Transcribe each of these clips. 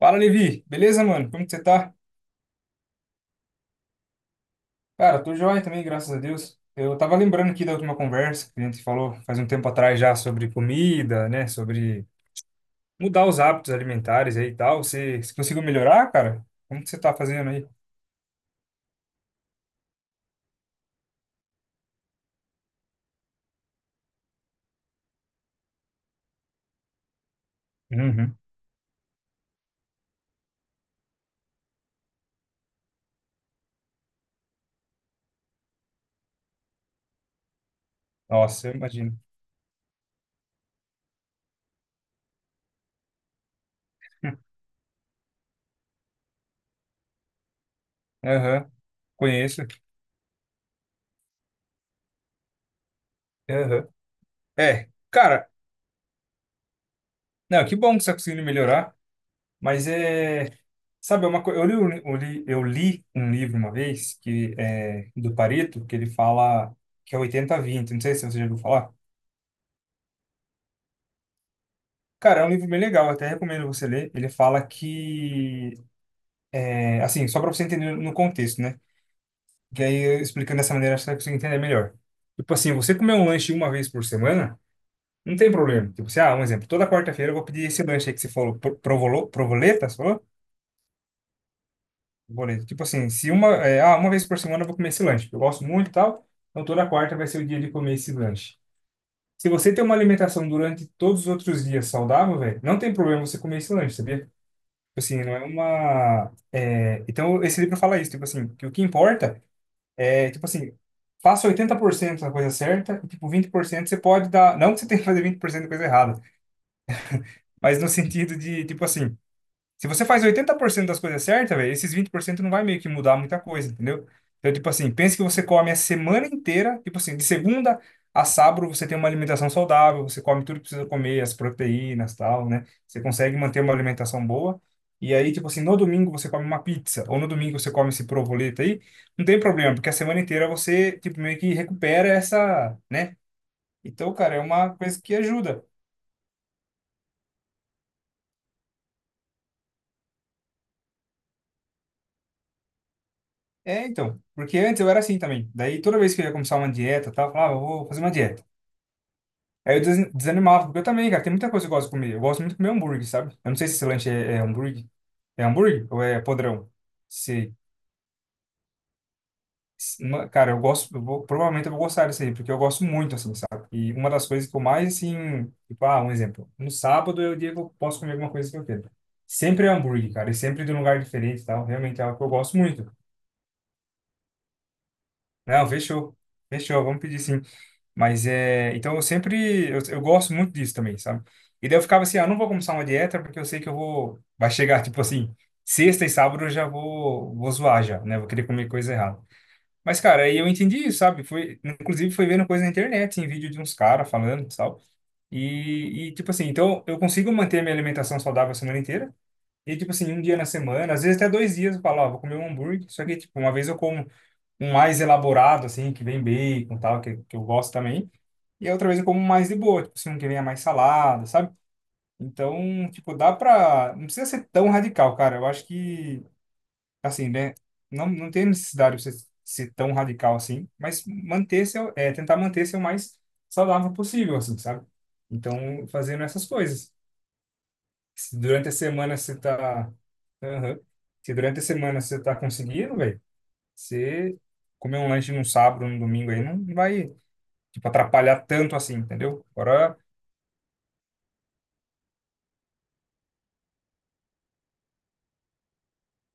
Fala, Levi. Beleza, mano? Como que você tá? Cara, tô joia também, graças a Deus. Eu tava lembrando aqui da última conversa que a gente falou faz um tempo atrás já sobre comida, né? Sobre mudar os hábitos alimentares aí e tal. Você conseguiu melhorar, cara? Como que você tá fazendo aí? Uhum. Nossa, eu imagino. Aham. Conheço. Aham. É, cara, não, que bom que você tá conseguindo melhorar. Mas é. Sabe, é uma coisa. Eu li um livro uma vez, que é do Pareto, que ele fala que é 80 a 20. Não sei se você já ouviu falar. Cara, é um livro bem legal, até recomendo você ler. Ele fala que. É, assim, só para você entender no contexto, né? Que aí, eu explicando dessa maneira, acho que você consegue entender melhor. Tipo assim, você comer um lanche uma vez por semana, não tem problema. Tipo assim, ah, um exemplo. Toda quarta-feira eu vou pedir esse lanche aí que você falou, provolo, provoleta, boleto. Tipo assim, se uma, é, ah, uma vez por semana eu vou comer esse lanche, porque eu gosto muito e tal, então toda quarta vai ser o dia de comer esse lanche. Se você tem uma alimentação durante todos os outros dias saudável, velho, não tem problema você comer esse lanche, sabia? Tipo assim, não é uma. Então, esse livro fala isso, tipo assim, que o que importa é, tipo assim, faça 80% da coisa certa e, tipo, 20% você pode dar. Não que você tenha que fazer 20% da coisa errada, mas no sentido de, tipo assim, se você faz 80% das coisas certas, velho, esses 20% não vai meio que mudar muita coisa, entendeu? Então, tipo assim, pense que você come a semana inteira, tipo assim, de segunda a sábado você tem uma alimentação saudável, você come tudo que precisa comer, as proteínas, tal, né? Você consegue manter uma alimentação boa. E aí, tipo assim, no domingo você come uma pizza, ou no domingo você come esse provoleta aí, não tem problema, porque a semana inteira você, tipo, meio que recupera essa, né? Então, cara, é uma coisa que ajuda. É, então, porque antes eu era assim também. Daí toda vez que eu ia começar uma dieta, tal, eu falava, "Ah, eu vou fazer uma dieta." Aí eu desanimava, porque eu também, cara, tem muita coisa que eu gosto de comer. Eu gosto muito de comer hambúrguer, sabe? Eu não sei se esse lanche é hambúrguer. É hambúrguer ou é podrão? Se, Cara, eu gosto, provavelmente eu vou gostar desse aí, porque eu gosto muito, assim, sabe? E uma das coisas que eu mais, assim, tipo, ah, um exemplo. No sábado é o dia que eu posso comer alguma coisa que eu quero. Sempre é hambúrguer, cara, e sempre de um lugar diferente e tal. Realmente é algo que eu gosto muito. Não, fechou. Fechou, vamos pedir sim. Mas é. Então eu sempre. Eu gosto muito disso também, sabe? E daí eu ficava assim: ah, não vou começar uma dieta porque eu sei que eu vou. Vai chegar, tipo assim, sexta e sábado eu já vou zoar já, né? Vou querer comer coisa errada. Mas, cara, aí eu entendi isso, sabe? Foi, inclusive, foi vendo coisa na internet, em vídeo de uns caras falando e tal. Tipo assim, então eu consigo manter minha alimentação saudável a semana inteira. E, tipo assim, um dia na semana, às vezes até 2 dias, eu falo, ó, vou comer um hambúrguer. Só que, tipo, uma vez eu como um mais elaborado, assim, que vem bacon e tal, que eu gosto também. E a outra vez eu como mais de boa, tipo se não que venha mais salada, sabe? Então, tipo, dá pra. Não precisa ser tão radical, cara. Eu acho que, assim, né? Não, não tem necessidade de você ser tão radical assim, mas manter seu, tentar manter seu mais saudável possível, assim, sabe? Então, fazendo essas coisas. Se durante a semana você tá. Aham. Se durante a semana você tá conseguindo, velho, você comer um lanche num sábado, num domingo aí, não vai, tipo, atrapalhar tanto assim, entendeu? Agora.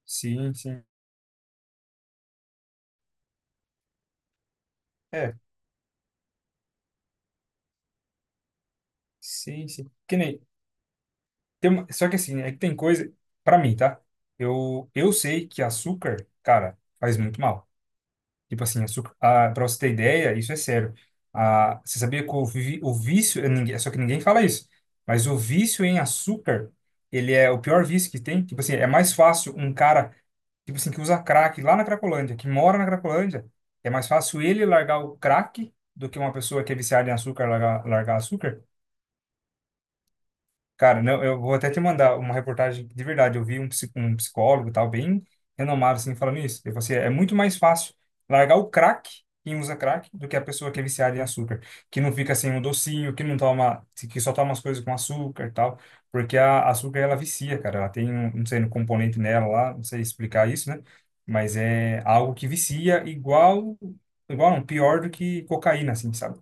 Sim, sim. É, sim, sim. Que nem, só que assim, é que tem coisa, pra mim, tá? Eu sei que açúcar, cara, faz muito mal. Tipo assim, açúcar, pra você ter ideia, isso é sério. Ah, você sabia que o vício, só que ninguém fala isso, mas o vício em açúcar, ele é o pior vício que tem. Tipo assim, é mais fácil um cara, tipo assim, que usa crack lá na Cracolândia, que mora na Cracolândia, é mais fácil ele largar o crack do que uma pessoa que é viciada em açúcar largar, largar açúcar. Cara, não, eu vou até te mandar uma reportagem de verdade. Eu vi um psicólogo e tal, bem renomado, assim, falando isso. Ele falou assim, é muito mais fácil largar o crack, quem usa crack, do que a pessoa que é viciada em açúcar, que não fica sem um docinho, que não toma, que só toma as coisas com açúcar e tal, porque a açúcar, ela vicia, cara. Ela tem, um, não sei, um componente nela lá, não sei explicar isso, né? Mas é algo que vicia igual, igual não, pior do que cocaína, assim, sabe?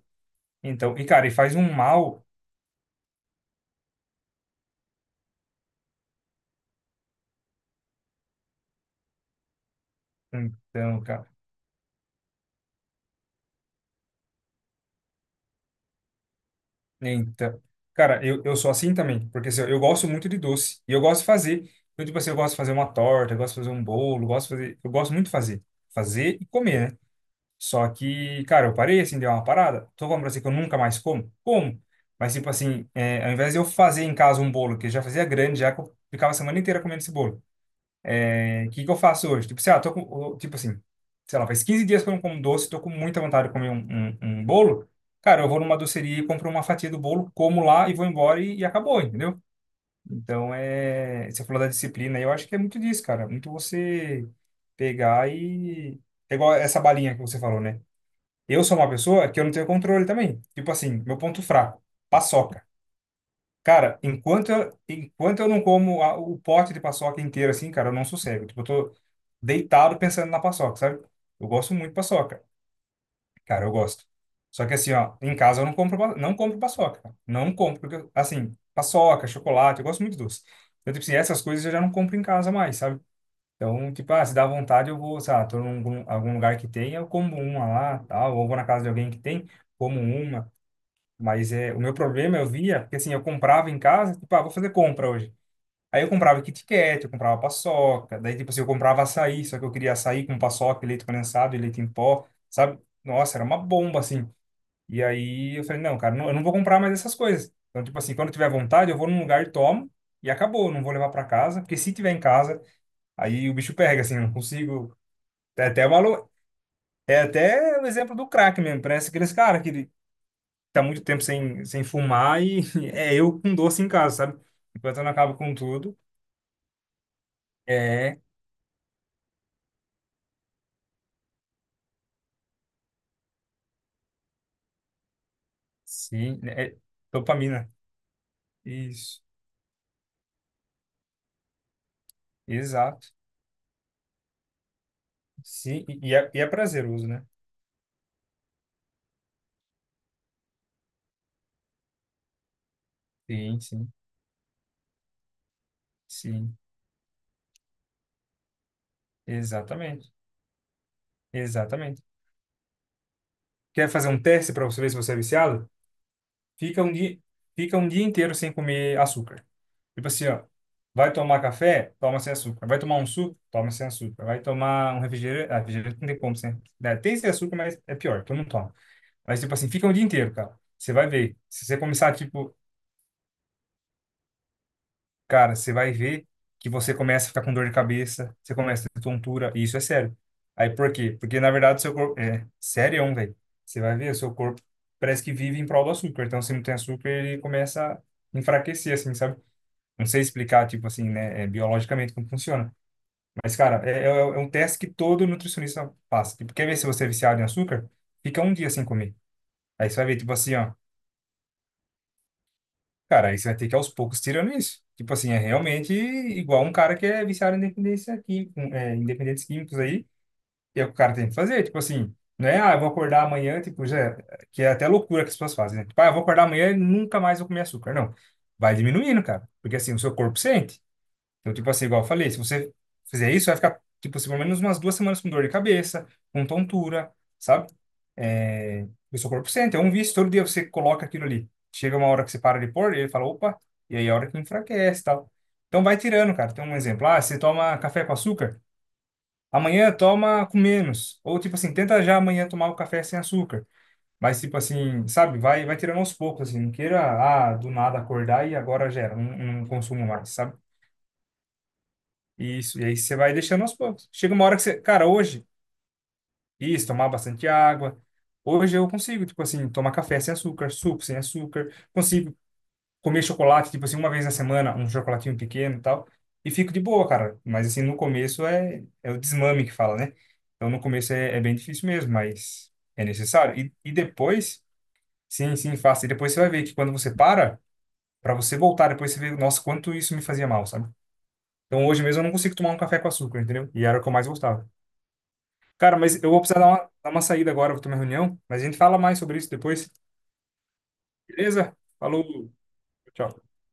Então, e cara, e faz um mal... Então, cara Então, cara, eu sou assim também, porque assim, eu gosto muito de doce, e eu gosto de fazer. Eu, tipo assim, eu gosto de fazer uma torta, eu gosto de fazer um bolo, eu gosto de fazer, eu gosto muito de fazer, fazer e comer, né? Só que, cara, eu parei, assim, deu uma parada, tô falando pra você que eu nunca mais como, como? Mas, tipo assim, é, ao invés de eu fazer em casa um bolo, que eu já fazia grande, já que eu ficava a semana inteira comendo esse bolo, o que que eu faço hoje? Tipo, sei lá, tô com, tipo assim, sei lá, faz 15 dias que eu não como doce, tô com muita vontade de comer um bolo. Cara, eu vou numa doceria e compro uma fatia do bolo, como lá e vou embora e acabou, entendeu? Então, é, você falou da disciplina, eu acho que é muito disso, cara. Muito você pegar e... É igual essa balinha que você falou, né? Eu sou uma pessoa que eu não tenho controle também. Tipo assim, meu ponto fraco, paçoca. Cara, enquanto eu não como o pote de paçoca inteiro assim, cara, eu não sossego. Tipo, eu tô deitado pensando na paçoca, sabe? Eu gosto muito de paçoca. Cara, eu gosto. Só que assim, ó, em casa eu não compro, não compro paçoca, cara. Não compro, porque, assim, paçoca, chocolate, eu gosto muito de doce. Então, tipo assim, essas coisas eu já não compro em casa mais, sabe? Então, tipo, ah, se dá vontade, eu vou, sei lá, tô em algum lugar que tem, eu como uma lá, tal, ou vou na casa de alguém que tem, como uma. Mas é, o meu problema eu via, porque assim, eu comprava em casa, tipo, ah, vou fazer compra hoje. Aí eu comprava Kit Kat, eu comprava paçoca, daí tipo assim, eu comprava açaí, só que eu queria açaí com paçoca, e leite condensado e leite em pó, sabe? Nossa, era uma bomba assim. E aí eu falei, não, cara, eu não vou comprar mais essas coisas. Então, tipo assim, quando eu tiver vontade, eu vou num lugar e tomo e acabou, eu não vou levar para casa, porque se tiver em casa, aí o bicho pega, assim, eu não consigo. É até é até o exemplo do crack mesmo. Parece aqueles caras que, tá muito tempo sem, fumar e é eu com doce em casa, sabe? Enquanto eu não acabo com tudo. É, sim, né, é dopamina. Isso, exato. Sim, e é prazeroso, né? Sim, sim, sim. Exatamente, exatamente. Quer fazer um teste para você ver se você é viciado? Fica um dia, Fica um dia inteiro sem comer açúcar. Tipo assim, ó. Vai tomar café? Toma sem açúcar. Vai tomar um suco? Toma sem açúcar. Vai tomar um refrigerante? Ah, refrigerante não tem como sem, né? Tem sem açúcar, mas é pior, todo mundo toma. Mas, tipo assim, fica o dia inteiro, cara. Você vai ver. Se você começar, tipo, cara, você vai ver que você começa a ficar com dor de cabeça, você começa a ter tontura, e isso é sério. Aí por quê? Porque, na verdade, o seu corpo. É, sério, velho. Você vai ver, o seu corpo parece que vive em prol do açúcar. Então, se não tem açúcar, ele começa a enfraquecer, assim, sabe? Não sei explicar, tipo assim, né, biologicamente como funciona. Mas, cara, é um teste que todo nutricionista passa. Tipo, quer ver se você é viciado em açúcar? Fica um dia sem comer. Aí você vai ver, tipo assim, ó. Cara, aí você vai ter que aos poucos tirando isso. Tipo assim, é realmente igual um cara que é viciado em dependência química, em dependentes químicos aí, e é o que o cara tem que fazer. Tipo assim, não é, ah, eu vou acordar amanhã, tipo, já, que é até loucura que as pessoas fazem, né? Tipo, ah, eu vou acordar amanhã e nunca mais vou comer açúcar. Não. Vai diminuindo, cara. Porque assim, o seu corpo sente. Então, tipo assim, igual eu falei, se você fizer isso, vai ficar, tipo assim, pelo menos umas 2 semanas com dor de cabeça, com tontura, sabe? É, o seu corpo sente, é um vício, todo dia você coloca aquilo ali. Chega uma hora que você para de pôr, ele fala, opa, e aí é a hora que enfraquece e tal. Então vai tirando, cara. Tem um exemplo, ah, você toma café com açúcar, amanhã toma com menos. Ou tipo assim, tenta já amanhã tomar o café sem açúcar. Mas tipo assim, sabe, vai tirando aos poucos, assim, não queira, ah, do nada acordar e agora gera, não, não consumo mais, sabe? Isso, e aí você vai deixando aos poucos. Chega uma hora que você, cara, hoje, isso, tomar bastante água. Hoje eu consigo, tipo assim, tomar café sem açúcar, suco sem açúcar, consigo comer chocolate, tipo assim, uma vez na semana, um chocolatinho pequeno e tal, e fico de boa, cara. Mas assim, no começo é o desmame que fala, né? Então no começo é bem difícil mesmo, mas é necessário. E depois, sim, sim, faça. E depois você vai ver que quando você para, para você voltar, depois você vê, nossa, quanto isso me fazia mal, sabe? Então hoje mesmo eu não consigo tomar um café com açúcar, entendeu? E era o que eu mais gostava. Cara, mas eu vou precisar dar uma saída agora, para ter uma reunião, mas a gente fala mais sobre isso depois, beleza? Falou, tchau.